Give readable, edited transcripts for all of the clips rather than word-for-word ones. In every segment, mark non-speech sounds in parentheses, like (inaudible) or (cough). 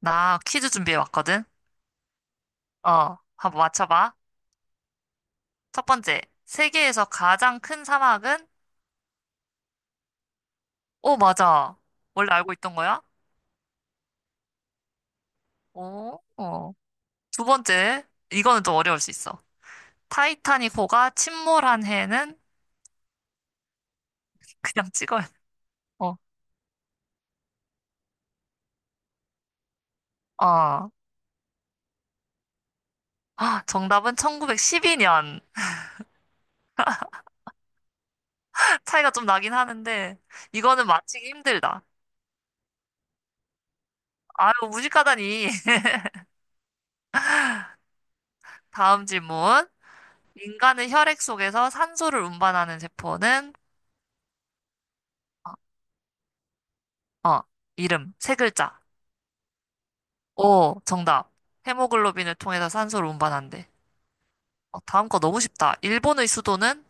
나 퀴즈 준비해 왔거든? 어, 한번 맞춰봐. 첫 번째, 세계에서 가장 큰 사막은? 오, 맞아. 원래 알고 있던 거야? 오, 어. 두 번째, 이거는 좀 어려울 수 있어. 타이타닉 호가 침몰한 해는? (laughs) 그냥 찍어야 돼. 어, 어. 아, 정답은 1912년. (laughs) 차이가 좀 나긴 하는데, 이거는 맞히기 힘들다. 아유, 무식하다니. (laughs) 다음 질문. 인간의 혈액 속에서 산소를 운반하는 세포는? 어, 이름, 세 글자. 오, 정답. 헤모글로빈을 통해서 산소를 운반한대. 어, 다음 거 너무 쉽다. 일본의 수도는?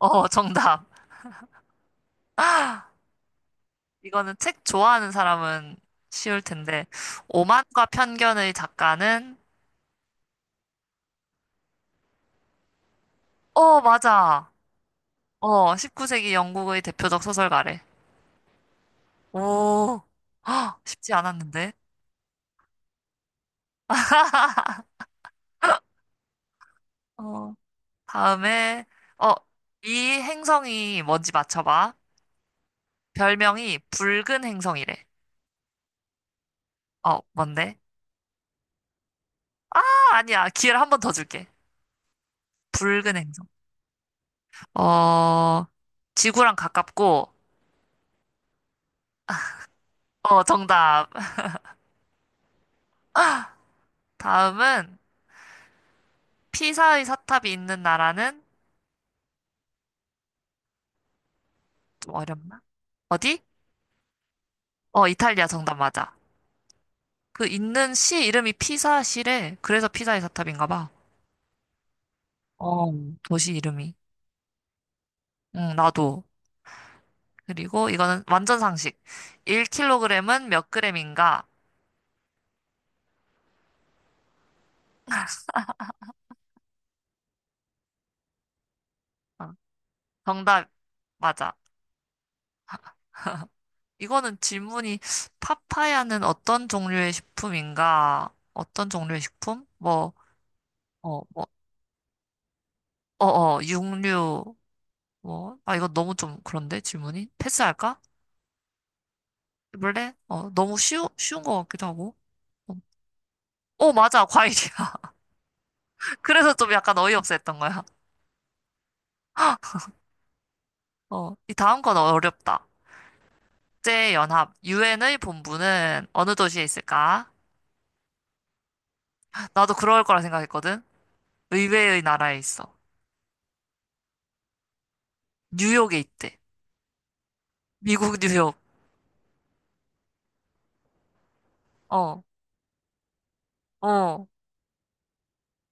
어, (laughs) 정답. 이거는 책 좋아하는 사람은 쉬울 텐데. 오만과 편견의 작가는? 어, 맞아. 어, 19세기 영국의 대표적 소설가래. 오, 헉, 쉽지 않았는데. 어, 다음에, 어, 이 행성이 뭔지 맞춰봐. 별명이 붉은 행성이래. 어, 뭔데? 아니야. 기회를 한 번 더 줄게. 붉은 행성. 어, 지구랑 가깝고, 어, 정답. 다음은 피사의 사탑이 있는 나라는? 좀 어렵나? 어디? 어, 이탈리아 정답 맞아. 그 있는 시 이름이 피사시래. 그래서 피사의 사탑인가 봐. 어, 도시 이름이. 응, 나도. 그리고 이거는 완전 상식. 1kg은 몇 그램인가? 어, 정답 맞아. 이거는 질문이 파파야는 어떤 종류의 식품인가? 어떤 종류의 식품? 뭐, 뭐, 육류, 뭐. 아, 이거 너무 좀 그런데 질문이? 패스할까? 원래? 어, 너무 쉬운 것 같기도 하고. 어, 어, 맞아, 과일이야. (laughs) 그래서 좀 약간 어이없어 했던 거야. 어, 이 다음 건 어렵다. 국제연합, 유엔의 본부는 어느 도시에 있을까? 나도 그럴 거라 생각했거든. 의외의 나라에 있어. 뉴욕에 있대. 미국 뉴욕. 어, 어.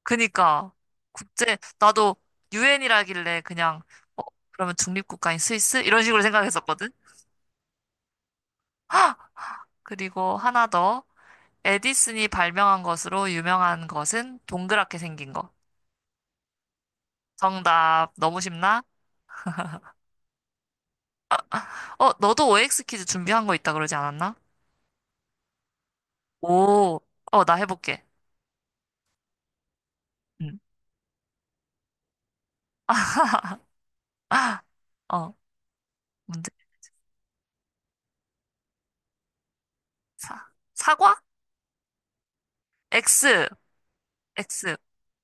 그니까 국제 나도 유엔이라길래 그냥 어 그러면 중립국가인 스위스 이런 식으로 생각했었거든. 그리고 하나 더 에디슨이 발명한 것으로 유명한 것은 동그랗게 생긴 거. 정답 너무 쉽나? 어 너도 OX 퀴즈 준비한 거 있다 그러지 않았나? 오, 어 나 해볼게. 응. (laughs) 어 문제. 사 사과? X X.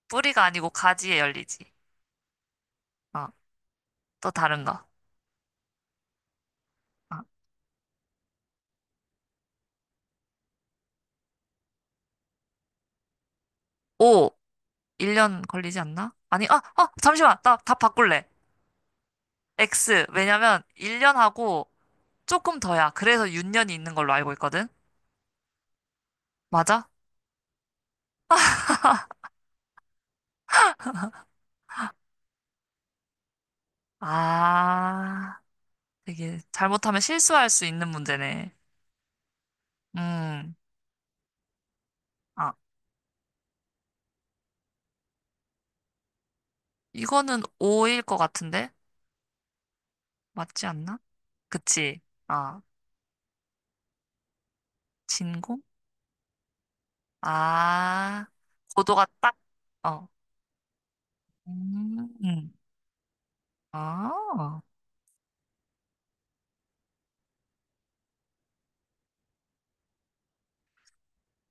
뿌리가 아니고 가지에 열리지. 어또 다른 거. 어. 오, 1년 걸리지 않나? 아니, 아, 잠시만. 나 답 바꿀래. X. 왜냐면 1년하고 조금 더야. 그래서 육 년이 있는 걸로 알고 있거든. 맞아? 아, 되게 잘못하면 실수할 수 있는 문제네. 음. 아, 이거는 오일 것 같은데? 맞지 않나? 그치. 아, 진공? 아, 고도가 딱, 어. 음. 아,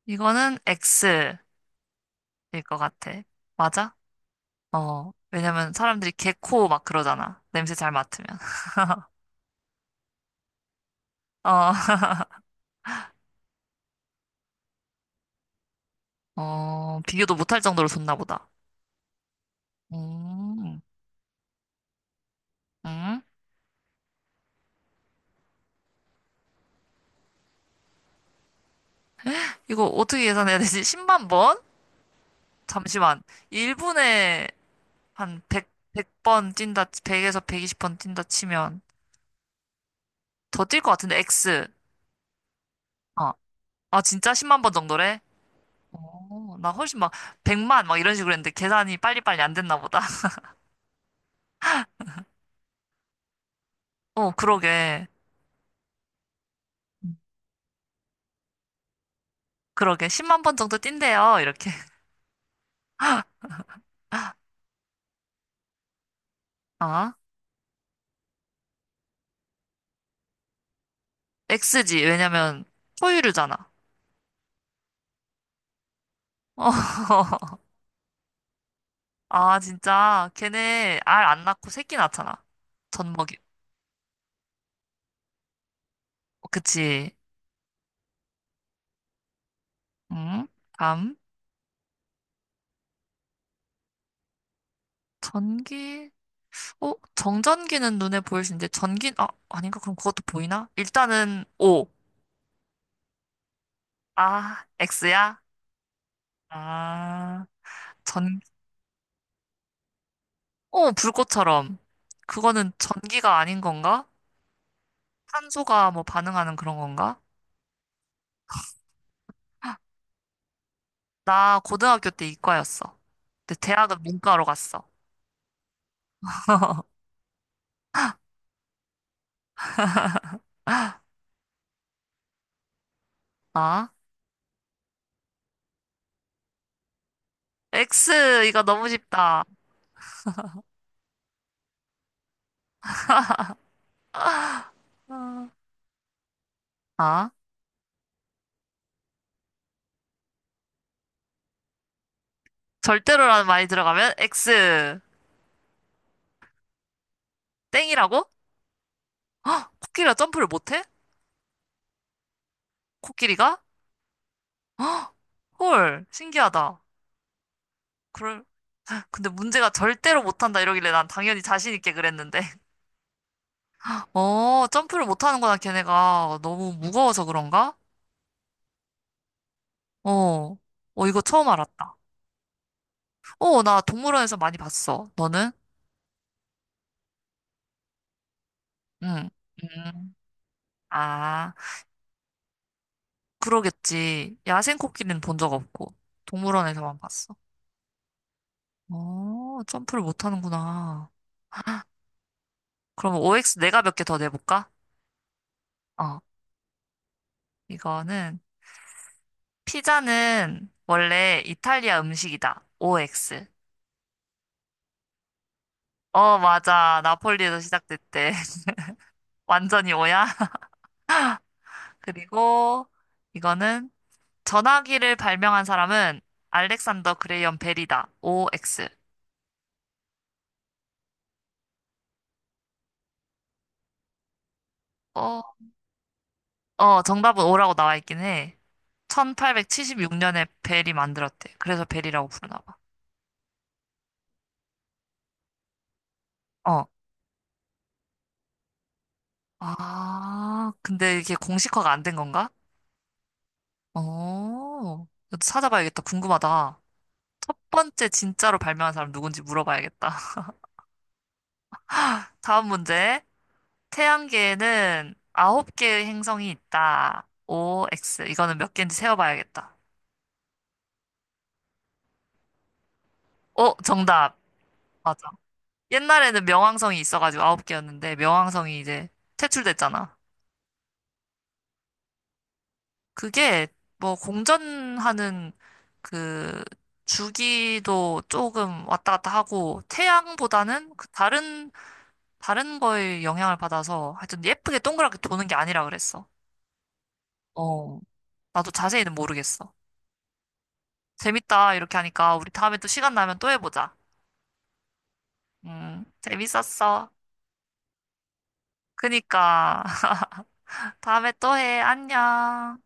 이거는 X일 것 같아. 맞아? 어, 왜냐면 사람들이 개코 막 그러잖아. 냄새 잘 맡으면. (laughs) 어, (laughs) 어, 비교도 못할 정도로 좋나 보다. 음, 음. 이거 어떻게 계산해야 되지? 10만 번? 잠시만. 1분에 한 100, 번 뛴다, 100에서 120번 뛴다 치면 더 뛸 것 같은데, X. 어. 아, 진짜 10만 번 정도래? 어, 나 훨씬 막 100만 막 이런 식으로 했는데 계산이 빨리빨리 안 됐나 보다. (laughs) 어, 그러게. 그러게. 10만 번 정도 뛴대요. 이렇게. 어? X지. 왜냐면 포유류잖아. 어. (laughs) 아, 진짜. 걔네 알 안 낳고 새끼 낳잖아. 젖먹이. 그치. 응? 다음. 전기. 어? 정전기는 눈에 보일 수 있는데 전기 아닌가? 그럼 그것도 보이나? 일단은 O. 아, X야? 아, 전 불꽃처럼. 그거는 전기가 아닌 건가? 탄소가 뭐 반응하는 그런 건가? 나 고등학교 때 이과였어. 근데 대학은 문과로 갔어. (laughs) 아, X, 이거 너무 쉽다. 아, 절대로라는 말이 들어가면 X, 땡이라고? 코끼리가 점프를 못해? 코끼리가? 헐, 신기하다. 그럴, 근데 문제가 절대로 못한다 이러길래 난 당연히 자신 있게 그랬는데. (laughs) 어, 점프를 못하는구나, 걔네가. 너무 무거워서 그런가? 어, 어, 이거 처음 알았다. 어, 나 동물원에서 많이 봤어. 너는? 응, 응. 아, 그러겠지. 야생 코끼리는 본 적 없고, 동물원에서만 봤어. 어, 점프를 못 하는구나. 그럼 OX 내가 몇 개 더 내볼까? 어, 이거는, 피자는 원래 이탈리아 음식이다. OX. 어, 맞아. 나폴리에서 시작됐대. (laughs) 완전히 오야. (laughs) 그리고 이거는 전화기를 발명한 사람은 알렉산더 그레이엄 벨이다. OX. 어, 어, 정답은 O라고 나와 있긴 해. 1876년에 벨이 만들었대. 그래서 벨이라고 부르나 봐. 어, 아, 근데 이게 공식화가 안 된 건가? 어, 이것도 찾아봐야겠다. 궁금하다. 첫 번째 진짜로 발명한 사람 누군지 물어봐야겠다. (laughs) 다음 문제. 태양계에는 아홉 개의 행성이 있다. O, X. 이거는 몇 개인지 세어봐야겠다. 어, 정답. 맞아. 옛날에는 명왕성이 있어가지고 아홉 개였는데 명왕성이 이제 퇴출됐잖아. 그게 뭐 공전하는 그 주기도 조금 왔다 갔다 하고 태양보다는 그 다른 거에 영향을 받아서 하여튼 예쁘게 동그랗게 도는 게 아니라 그랬어. 어, 나도 자세히는 모르겠어. 재밌다 이렇게 하니까 우리 다음에 또 시간 나면 또 해보자. 재밌었어. 그니까 (laughs) 다음에 또 해. 안녕.